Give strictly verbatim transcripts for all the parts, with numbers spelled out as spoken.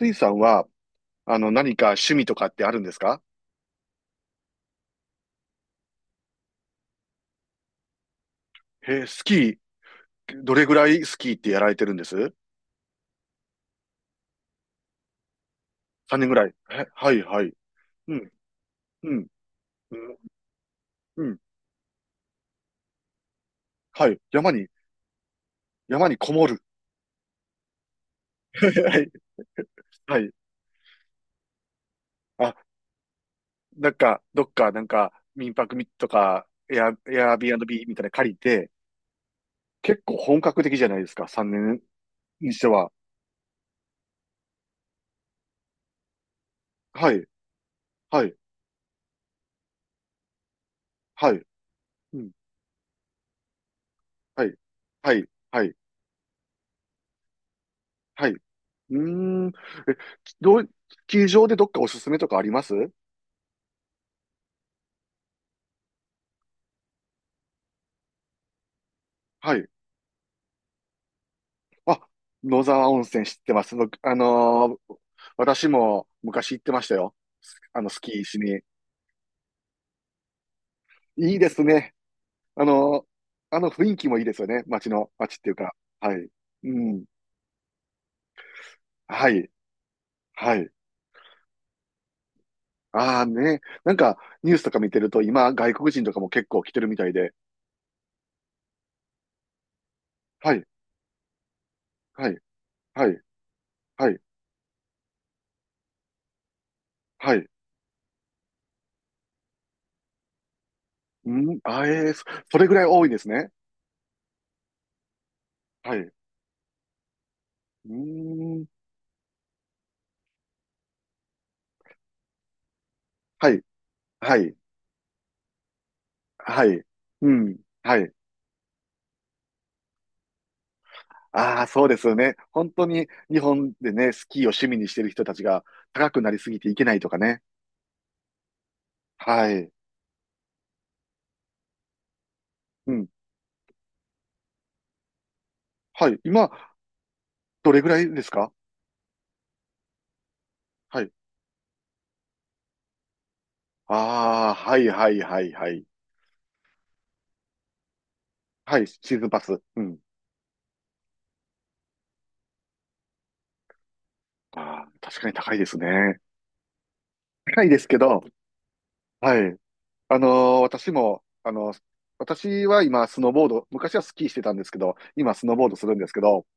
スイさんは、あの、何か趣味とかってあるんですか？へえ、スキー、どれぐらいスキーってやられてるんです さん 年ぐらい。へ、はい、はい。うん、うん、うん、うん。はい。山に、山にこもる。はい、はい。あ、なんか、どっか、なんか、民泊みとか、エア、エアビーアンドビーみたいなの借りて、結構本格的じゃないですか、さんねんにしては。はい、はい、はい。うん、はい、はい、はい。はい。うーん。え、どう、ス場でどっかおすすめとかありますはい。あ、野沢温泉知ってます。僕あのー私も昔行ってましたよ。スあの、スキーしに。いいですね。あのーあの雰囲気もいいですよね。街の、街っていうか。はい。うん。はい。はい。ああ、ね。なんか、ニュースとか見てると、今、外国人とかも結構来てるみたいで。はい。はい。はい。はい。はい。うん。あ、えーそそれぐらい多いですね。はい。うーん。はい。はい。はい。うん。はい。ああ、そうですよね。本当に日本でね、スキーを趣味にしてる人たちが高くなりすぎていけないとかね。はい。うん。はい。今、どれぐらいですか？はい。ああ、はい、はい、はい、はい。はい、シーズンパス。うん。ああ、確かに高いですね。高いですけど、はい。あのー私も、あのー私は今、スノーボード、昔はスキーしてたんですけど、今、スノーボードするんですけど、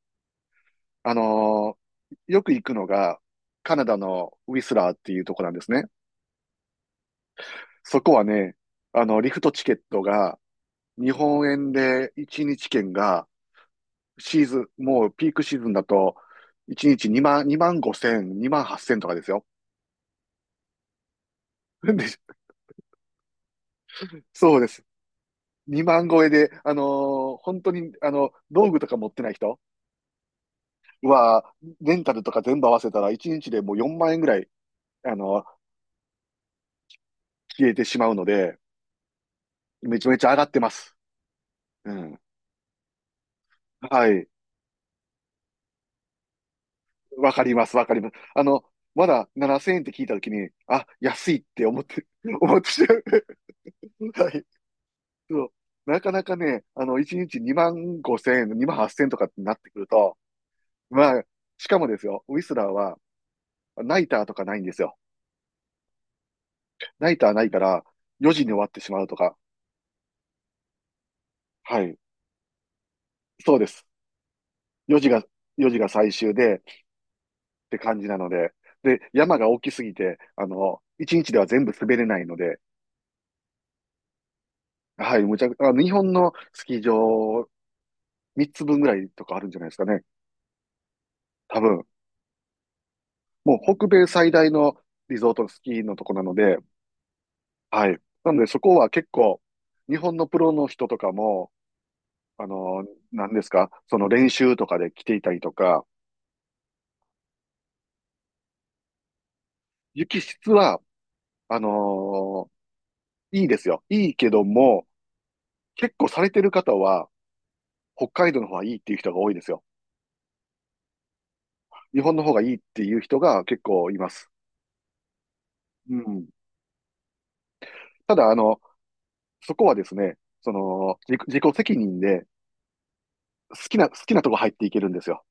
あのーよく行くのが、カナダのウィスラーっていうとこなんですね。そこはね、あの、リフトチケットが、日本円でいちにち券が、シーズン、もうピークシーズンだと、いちにちにまん、にまんごせん、にまんはっせんとかですよ。で、そうです。にまん超えで、あのー本当に、あの、道具とか持ってない人は、レンタルとか全部合わせたら、いちにちでもうよんまん円ぐらい、あの、消えてしまうので、めちゃめちゃ上がってます。うん。はい。わかります、わかります。あの、まだななせんえんって聞いたときに、あ、安いって思って、思ってしまう。はい。そう。なかなかね、あの、いちにちにまんごせん円、にまんはっせん円とかってなってくると、まあ、しかもですよ、ウィスラーは、ナイターとかないんですよ。ナイターないから、よじに終わってしまうとか。はい。そうです。4時が、よじが最終で、って感じなので。で、山が大きすぎて、あの、いちにちでは全部滑れないので、はい、むちゃく、あの、日本のスキー場みっつぶんぐらいとかあるんじゃないですかね。多分。もう北米最大のリゾートスキーのとこなので、はい。なのでそこは結構、日本のプロの人とかも、あの、何ですか、その練習とかで来ていたりとか、雪質は、あのいいですよ。いいけども、結構されてる方は、北海道の方がいいっていう人が多いですよ。日本の方がいいっていう人が結構います。うん。ただ、あの、そこはですね、その、自己自己責任で好きな、好きなとこ入っていけるんですよ。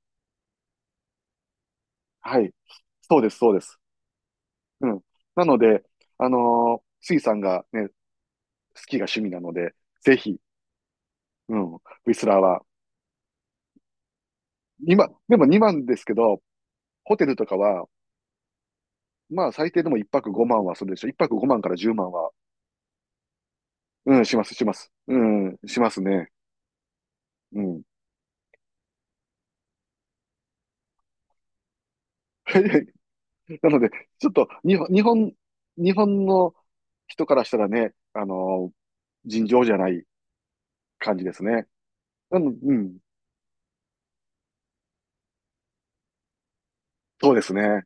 はい。そうです、そうです。うん。なので、あのー、スイさんがね、スキーが趣味なので、ぜひ、うん、ウィスラーは。今、でもにまんですけど、ホテルとかは、まあ最低でもいっぱくごまんはするでしょ。いっぱくごまんからじゅうまんは、うん、します、します。うん、しますね。うん。なので、ちょっと、日本、日本、日本の人からしたらね、あのー尋常じゃない感じですね。なのうん、そうですね。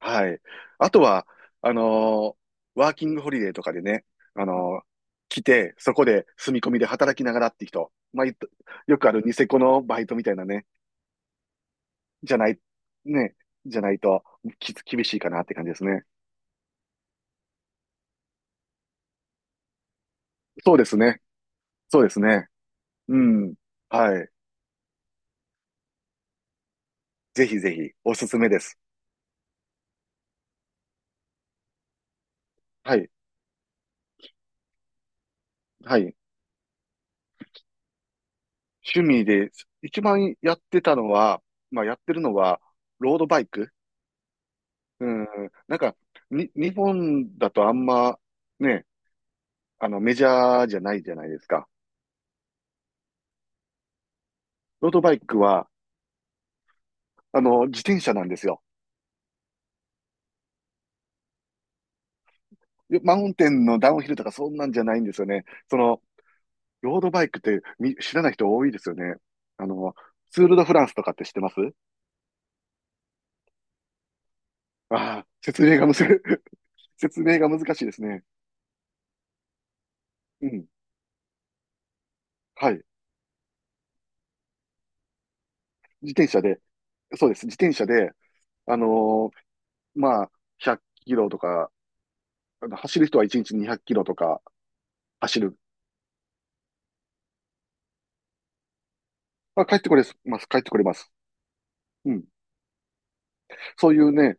はい。あとは、あのーワーキングホリデーとかでね、あのー来て、そこで住み込みで働きながらって人。まあ、いっとよくあるニセコのバイトみたいなね、じゃない、ね、じゃないと、きつ、厳しいかなって感じですね。そうですね。そうですね。うん。はい。ぜひぜひ、おすすめです。はい。はい。趣味で、一番やってたのは、まあ、やってるのは、ロードバイク。うん。なんか、に、日本だとあんま、ね、あの、メジャーじゃないじゃないですか。ロードバイクは、あの、自転車なんですよ。でマウンテンのダウンヒルとかそんなんじゃないんですよね。その、ロードバイクってみ知らない人多いですよね。あの、ツール・ド・フランスとかって知ってますああー、説明がむず、説明が難しいですね。うん。はい。自転車で、そうです。自転車で、あのーまあ、ひゃっキロとか、あの走る人はいちにちにひゃくキロとか走る。まあ、帰ってこれます。帰ってこれます。うん。そういうね、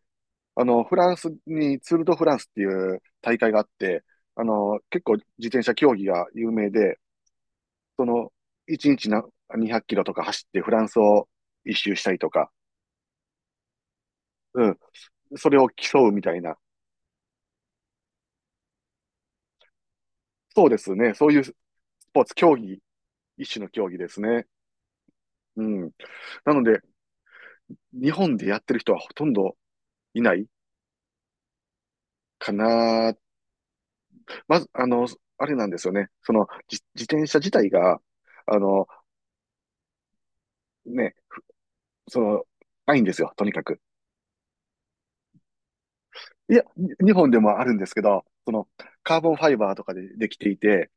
あの、フランスにツール・ド・フランスっていう大会があって、あの、結構自転車競技が有名で、その、1日なにひゃくキロとか走ってフランスを一周したりとか、うん、それを競うみたいな。そうですね。そういうスポーツ、競技、一種の競技ですね。うん。なので、日本でやってる人はほとんどいないかな。まず、あの、あれなんですよね。その、じ自転車自体が、あの、ね、その、ないんですよ、とにかく。いや、日本でもあるんですけど、その、カーボンファイバーとかでできていて、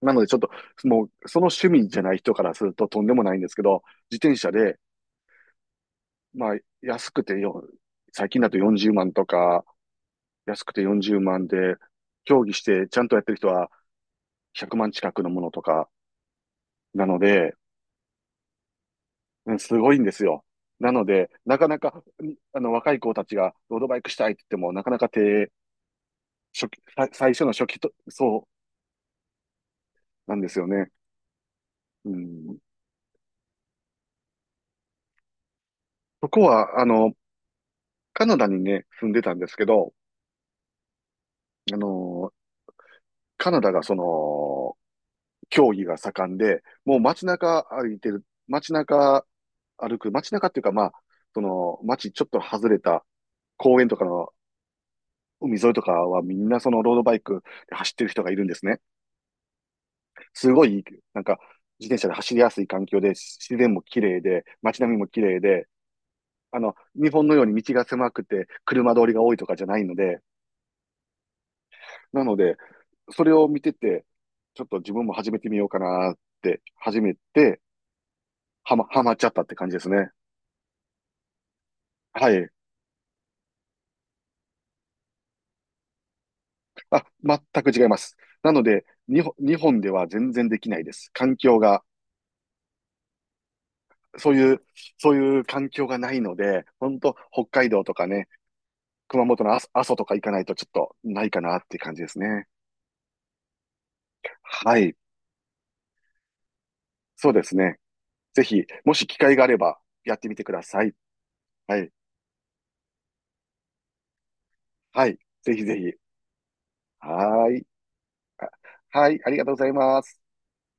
なのでちょっと、もう、その趣味じゃない人からするととんでもないんですけど、自転車で、まあ、安くてよ、最近だとよんじゅうまんとか、安くてよんじゅうまんで、競技してちゃんとやってる人はひゃくまん近くのものとか、なので、うん、すごいんですよ。なので、なかなか、にあの、若い子たちがロードバイクしたいって言っても、なかなか手、初期、さ最初の初期と、そうなんですよね。うん。そこは、あの、カナダにね、住んでたんですけど、あの、カナダがその、競技が盛んで、もう街中歩いてる、街中歩く、街中っていうかまあ、その、街ちょっと外れた公園とかの海沿いとかはみんなそのロードバイクで走ってる人がいるんですね。すごい、なんか、自転車で走りやすい環境で、自然も綺麗で、街並みも綺麗で、あの、日本のように道が狭くて、車通りが多いとかじゃないので、なので、それを見てて、ちょっと自分も始めてみようかなって始めて、はま、はまっちゃったって感じですね。はい。あ、全く違います。なので、日本、日本では全然できないです。環境が、そういう、そういう環境がないので、本当北海道とかね、熊本の阿蘇阿蘇とか行かないとちょっとないかなっていう感じですね。はい。そうですね。ぜひ、もし機会があれば、やってみてください。はい。はい。ぜひぜひ。はーい。はい。ありがとうございます。